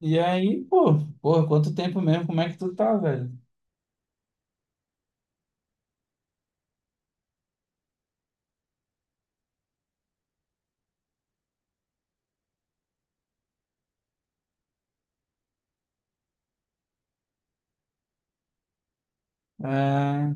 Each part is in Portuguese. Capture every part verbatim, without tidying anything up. E aí, pô, porra, quanto tempo mesmo? Como é que tu tá, velho? É...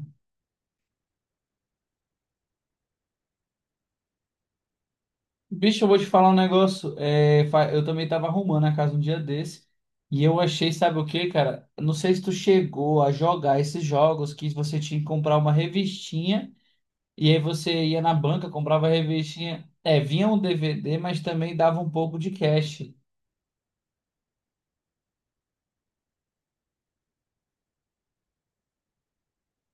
Bicho, eu vou te falar um negócio. É, fa- Eu também tava arrumando a casa um dia desse. E eu achei, sabe o que, cara? Não sei se tu chegou a jogar esses jogos que você tinha que comprar uma revistinha. E aí você ia na banca, comprava a revistinha. É, vinha um D V D, mas também dava um pouco de cash.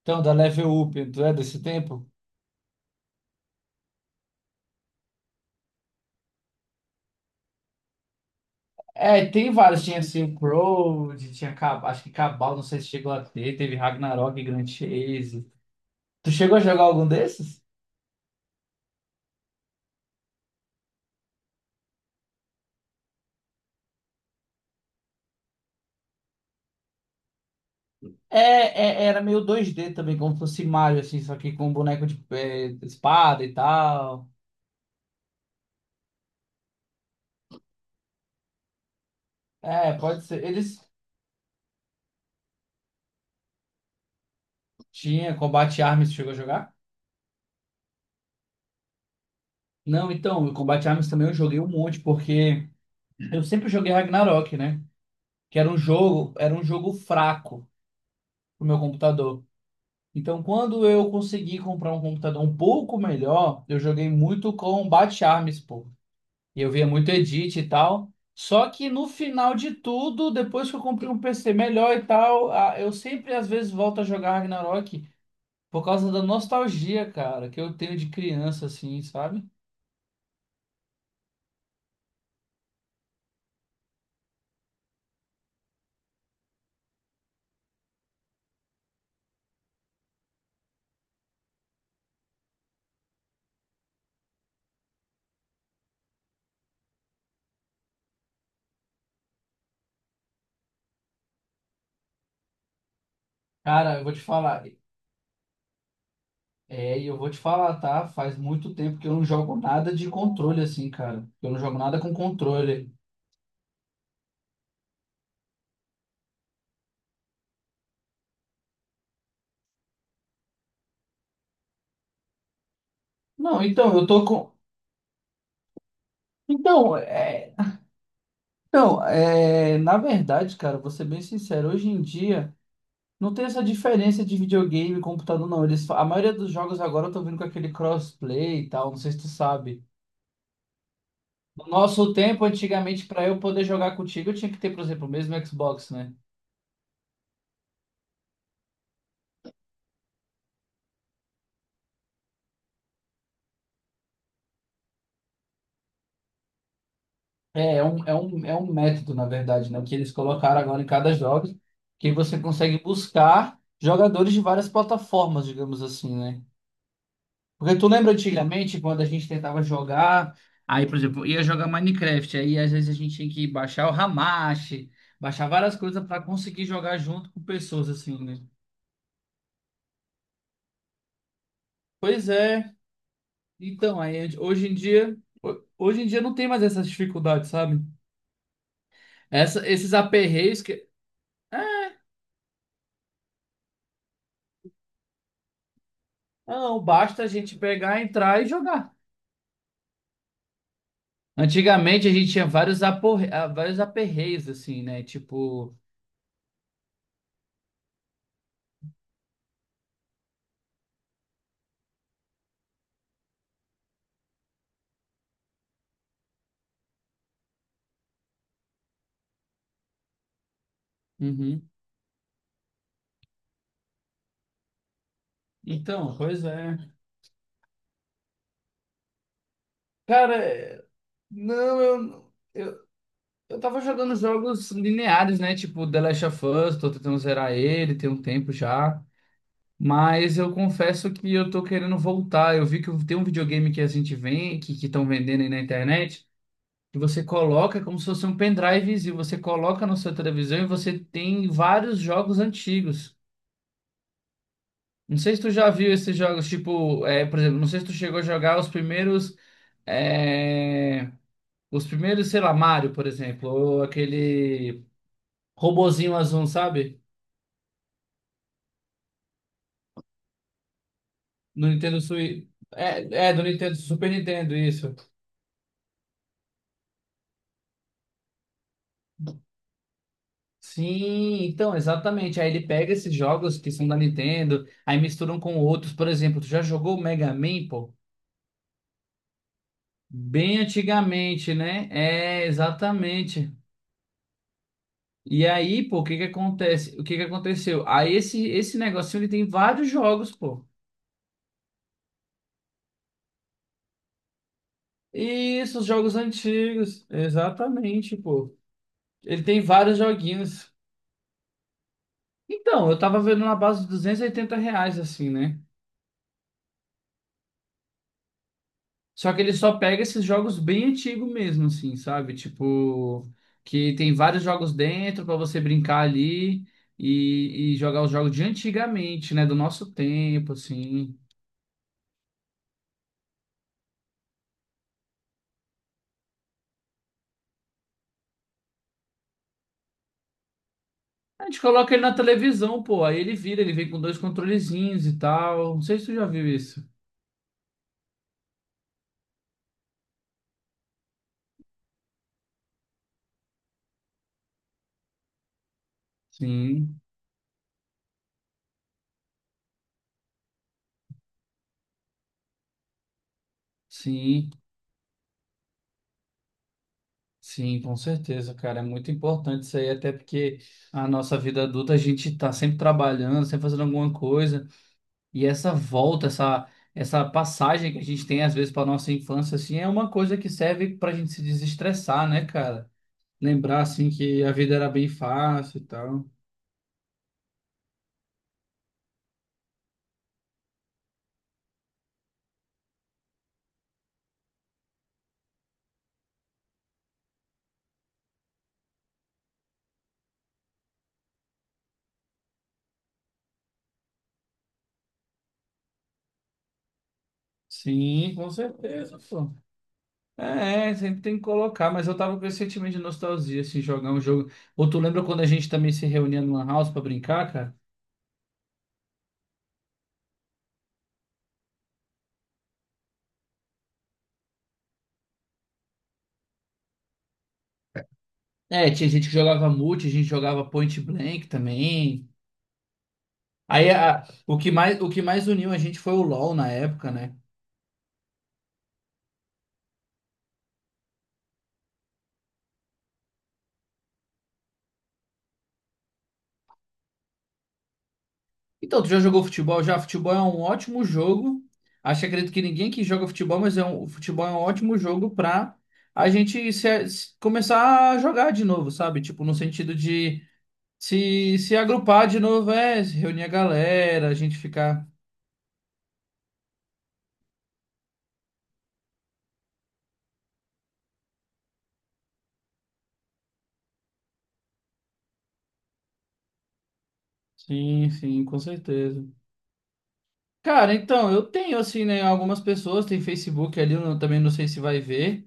Então, da Level Up, tu é desse tempo? É, tem vários. Tinha Silkroad, tinha Cabal, acho que Cabal, não sei se chegou a ter. Teve Ragnarok, Grand Chase. Tu chegou a jogar algum desses? É, é- era meio dois D também, como fosse Mario, assim, só que com boneco de é, espada e tal. É, pode ser. Eles tinha Combat Arms, chegou a jogar? Não, então, o Combat Arms também eu joguei um monte, porque eu sempre joguei Ragnarok, né? Que era um jogo, era um jogo fraco pro meu computador. Então, quando eu consegui comprar um computador um pouco melhor, eu joguei muito com Bat Arms, pô. E eu via muito edit e tal. Só que no final de tudo, depois que eu comprei um P C melhor e tal, a- eu sempre às vezes volto a jogar Ragnarok por causa da nostalgia, cara, que eu tenho de criança, assim, sabe? Cara, eu vou te falar. É, e eu vou te falar, tá? Faz muito tempo que eu não jogo nada de controle, assim, cara. Eu não jogo nada com controle. Não, então, eu tô com. Então, é. Então, é, na verdade, cara, vou ser bem sincero, hoje em dia não tem essa diferença de videogame e computador, não. Eles, fa- a maioria dos jogos agora estão vindo com aquele crossplay e tal, não sei se tu sabe. No nosso tempo, antigamente, para eu poder jogar contigo, eu tinha que ter, por exemplo, o mesmo Xbox, né? É, é um, é um, é um método, na verdade, né? Que eles colocaram agora em cada jogo, que você consegue buscar jogadores de várias plataformas, digamos assim, né? Porque tu lembra antigamente quando a gente tentava jogar, aí, por exemplo, ia jogar Minecraft, aí às vezes a gente tinha que baixar o Hamachi, baixar várias coisas para conseguir jogar junto com pessoas assim, né? Pois é. Então, aí hoje em dia, ho- hoje em dia não tem mais essas dificuldades, sabe? Essa, esses aperreios que é, não, basta a gente pegar, entrar e jogar. Antigamente a gente tinha vários aporre... ah, vários aperreios assim, né? Tipo, uhum. Então, pois é. Cara, não, eu, eu, eu tava jogando jogos lineares, né? Tipo The Last of Us, tô tentando zerar ele, tem um tempo já. Mas eu confesso que eu tô querendo voltar. Eu vi que tem um videogame que a gente vem, que que estão vendendo aí na internet, que você coloca como se fosse um pendrive, e você coloca na sua televisão e você tem vários jogos antigos. Não sei se tu já viu esses jogos, tipo, é, por exemplo, não sei se tu chegou a jogar os primeiros. É, os primeiros, sei lá, Mario, por exemplo, ou aquele robozinho azul, sabe? Do Nintendo Switch. É, é, do Nintendo, Super Nintendo, isso. Sim, então, exatamente. Aí ele pega esses jogos que são da Nintendo, aí misturam com outros. Por exemplo, tu já jogou o Mega Man, pô? Bem antigamente, né? É, exatamente. E aí, pô, o que que acontece? O que que aconteceu? Aí esse, esse negocinho, ele tem vários jogos, pô. Isso, os jogos antigos. Exatamente, pô. Ele tem vários joguinhos. Então, eu tava vendo na base de duzentos e oitenta reais, assim, né? Só que ele só pega esses jogos bem antigos mesmo, assim, sabe? Tipo, que tem vários jogos dentro pra você brincar ali e, e jogar os jogos de antigamente, né? Do nosso tempo, assim. A gente coloca ele na televisão, pô, aí ele vira, ele vem com dois controlezinhos e tal. Não sei se tu já viu isso. Sim, sim. Sim, com certeza, cara. É muito importante isso aí, até porque a nossa vida adulta a gente tá sempre trabalhando, sempre fazendo alguma coisa. E essa volta, essa, essa passagem que a gente tem às vezes para nossa infância, assim, é uma coisa que serve pra gente se desestressar, né, cara? Lembrar, assim, que a vida era bem fácil e tal. Sim, com certeza, pô. É, é, sempre tem que colocar, mas eu tava com esse sentimento de nostalgia, assim, jogar um jogo. Ou tu lembra quando a gente também se reunia no Lan House pra brincar, cara? É, tinha gente que jogava multi, a gente jogava point blank também. Aí a- o que mais, o que mais uniu a gente foi o LoL na época, né? Então, tu já jogou futebol? Já, futebol é um ótimo jogo. Acho, que acredito que ninguém que joga futebol, mas é um, o futebol é um ótimo jogo pra a gente se- se- começar a jogar de novo, sabe? Tipo, no sentido de se, se agrupar de novo, é, se reunir a galera, a gente ficar. Sim, sim, com certeza. Cara, então, eu tenho, assim, né, algumas pessoas, tem Facebook ali, eu não- também não sei se vai ver,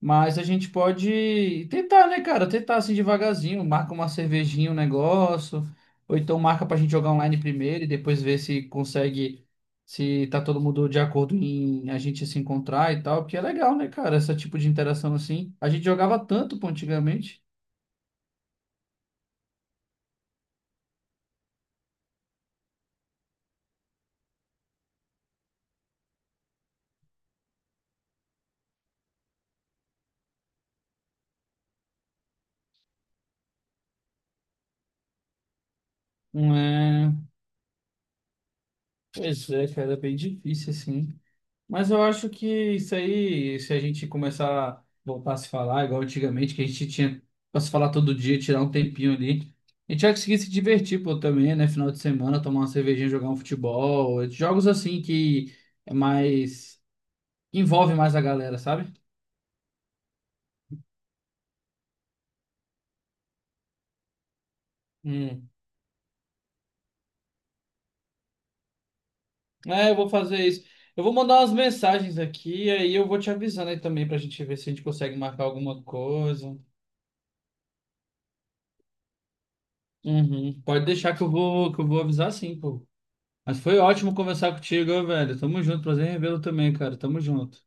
mas a gente pode tentar, né, cara, tentar, assim, devagarzinho, marca uma cervejinha, um negócio, ou então marca pra gente jogar online primeiro e depois ver se consegue, se tá todo mundo de acordo em a gente se encontrar e tal, porque é legal, né, cara, esse tipo de interação, assim, a gente jogava tanto, pô, antigamente, não é, pois é, cara, é bem difícil, assim. Mas eu acho que isso aí, se a gente começar a voltar a se falar, igual antigamente, que a gente tinha pra se falar todo dia, tirar um tempinho ali, a gente vai conseguir se divertir, pô, também, né? Final de semana, tomar uma cervejinha, jogar um futebol, jogos assim que é mais, envolve mais a galera, sabe? Hum. É, eu vou fazer isso. Eu vou mandar umas mensagens aqui, aí eu vou te avisando aí também pra gente ver se a gente consegue marcar alguma coisa. Uhum. Pode deixar que eu vou, que eu vou avisar sim, pô. Mas foi ótimo conversar contigo, velho. Tamo junto. Prazer em revê-lo também, cara. Tamo junto.